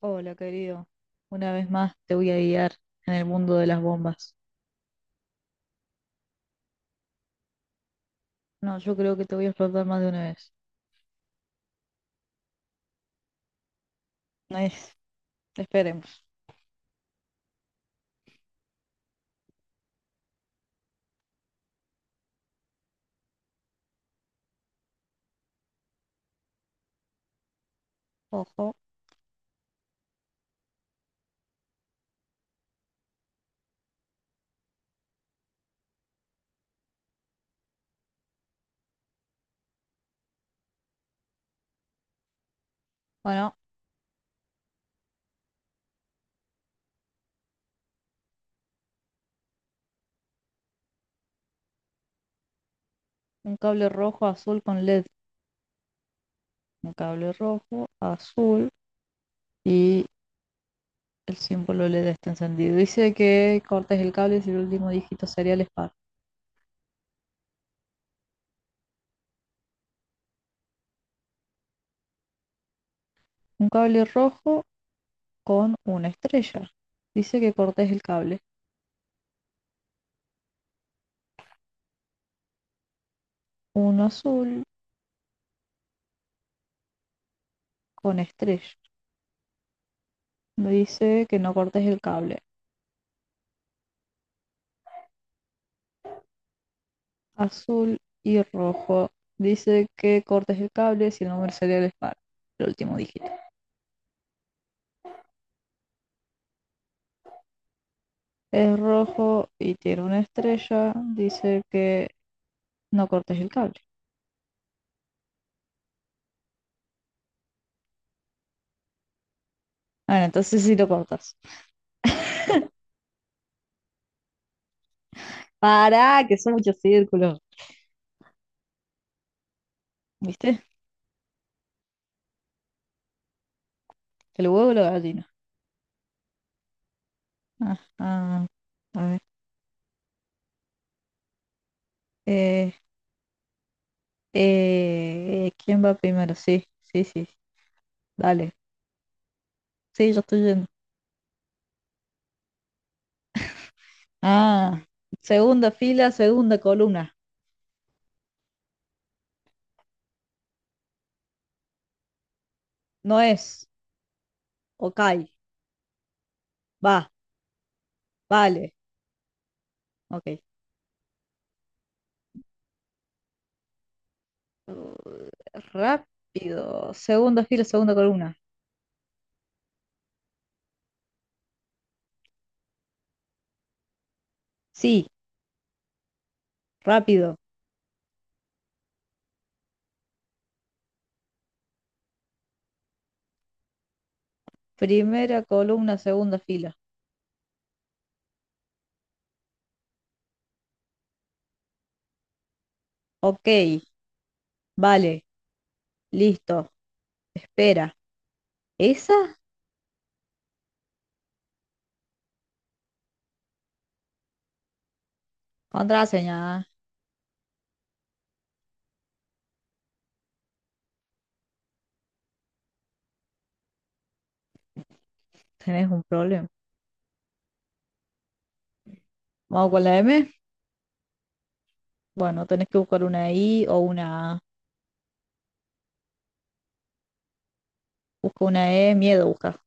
Hola, querido. Una vez más te voy a guiar en el mundo de las bombas. No, yo creo que te voy a explotar más de una vez. No es, esperemos. Ojo. Bueno, un cable rojo, azul con LED. Un cable rojo, azul y el símbolo LED está encendido. Dice que cortes el cable si el último dígito serial es par. Un cable rojo con una estrella. Dice que cortes el cable. Uno azul con estrella. Dice que no cortes el cable. Azul y rojo. Dice que cortes el cable si el número serial es par, el último dígito. Es rojo y tiene una estrella. Dice que no cortes el cable. Bueno, entonces sí lo cortas. Pará, que son muchos círculos. ¿Viste? El huevo y la gallina. Ajá. A ver. Eh, ¿Quién va primero? Sí, sí, sí. Dale. Sí, yo estoy yendo. Ah, segunda fila, segunda columna. No es. Ok. Va, vale. Ok. Uh, rápido. Segunda fila, segunda columna. Sí, rápido. Primera columna, segunda fila. Ok, vale, listo. Espera. ¿Esa? Contraseña. Tenés un problema. Vamos con la M. Bueno, tenés que buscar una I o una A. Busca una E, miedo busca.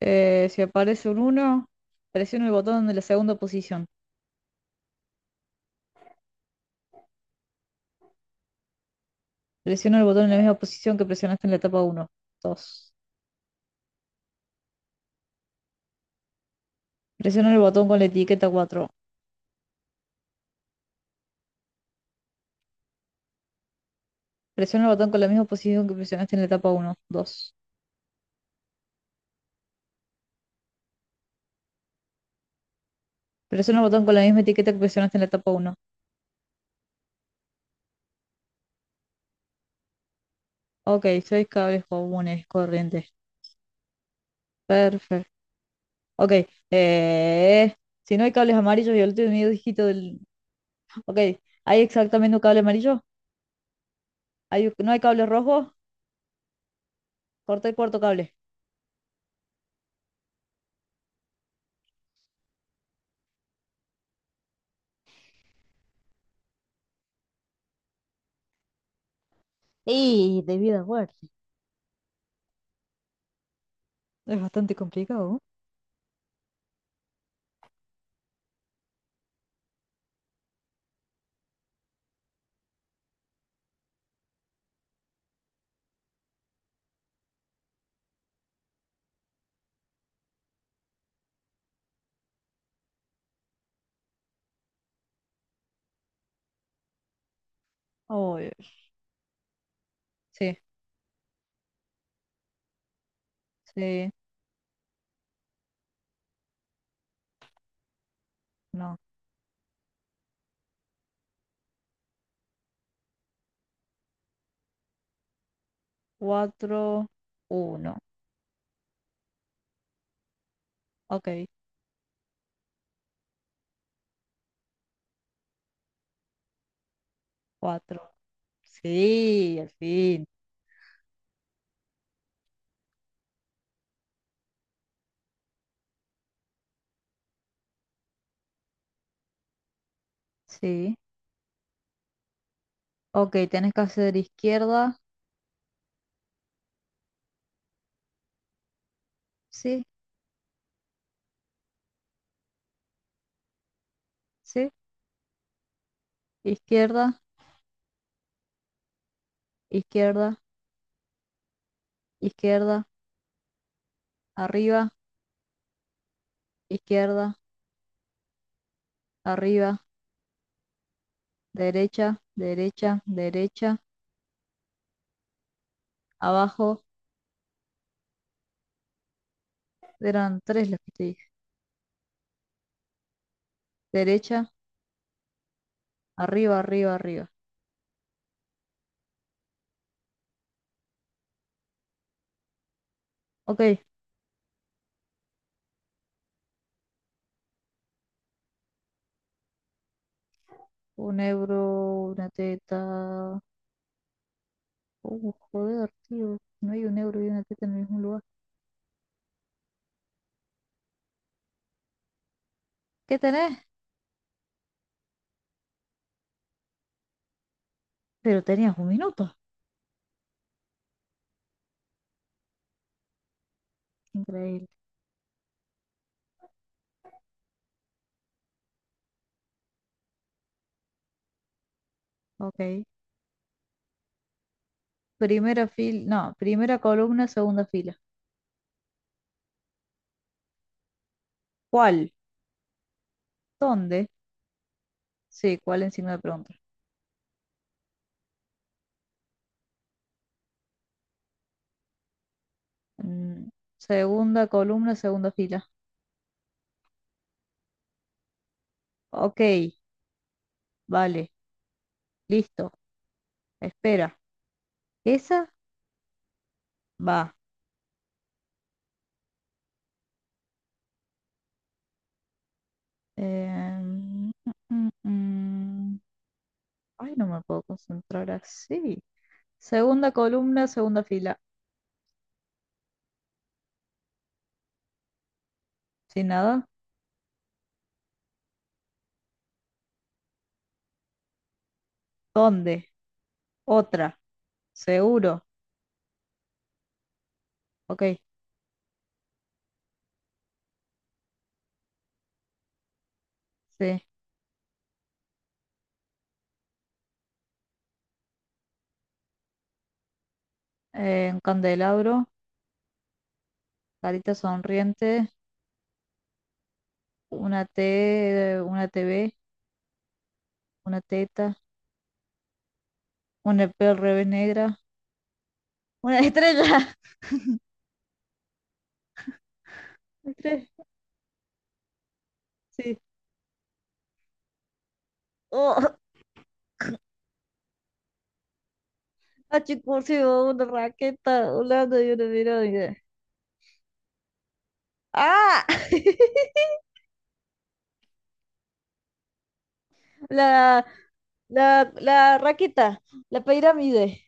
Si aparece un uno, presiona el botón de la segunda posición. Presiona el botón en la misma posición que presionaste en la etapa uno, 2. Presiona el botón con la etiqueta 4. Presiona el botón con la misma posición que presionaste en la etapa uno dos. Presiona el botón con la misma etiqueta que presionaste en la etapa uno. Ok, seis cables comunes, corrientes. Perfecto. Ok. eh, si no hay cables amarillos y el último dígito del... Ok. ¿Hay exactamente un cable amarillo? ¿Hay... ¿No hay cables rojos? Corta el cuarto cable. Y debido a muerte. Es bastante complicado. Oh, sí, sí, no. Cuatro, uno. Ok, cuatro. Sí, al fin. Sí. Ok, tenés que hacer izquierda, sí, sí, izquierda, izquierda, izquierda, arriba, izquierda, arriba, derecha, derecha, derecha, abajo. Eran tres las que te dije. Derecha, arriba, arriba, arriba. Ok, un euro, una teta. Joder, tío, no hay un euro y una teta en el mismo lugar. ¿Qué tenés? Pero tenías un minuto. Increíble. Ok. Primera fila, no, primera columna, segunda fila. ¿Cuál? ¿Dónde? Sí, ¿cuál en signo de pregunta? Mm, segunda columna, segunda fila. Ok, vale, listo. Espera, ¿esa? Va. Em, mm, mm, mm. Ay, no me puedo concentrar así. Segunda columna, segunda fila. ¿Sin nada? ¿Dónde? Otra. Seguro. Ok, sí. Un candelabro, carita sonriente, una T V. Una teta, una P al revés negra, una estrella. Sí. Oh, a chico 네. Una raqueta 보세요. 오늘 y una 이런 ah la, la raqueta, la pirámide,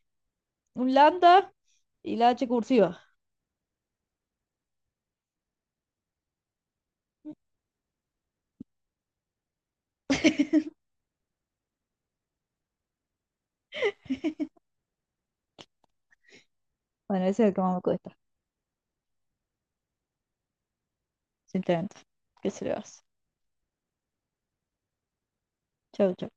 un lambda y la H cursiva. Bueno, ese es el que más me cuesta, simplemente. ¿Qué se le va a hacer? Chau, chau.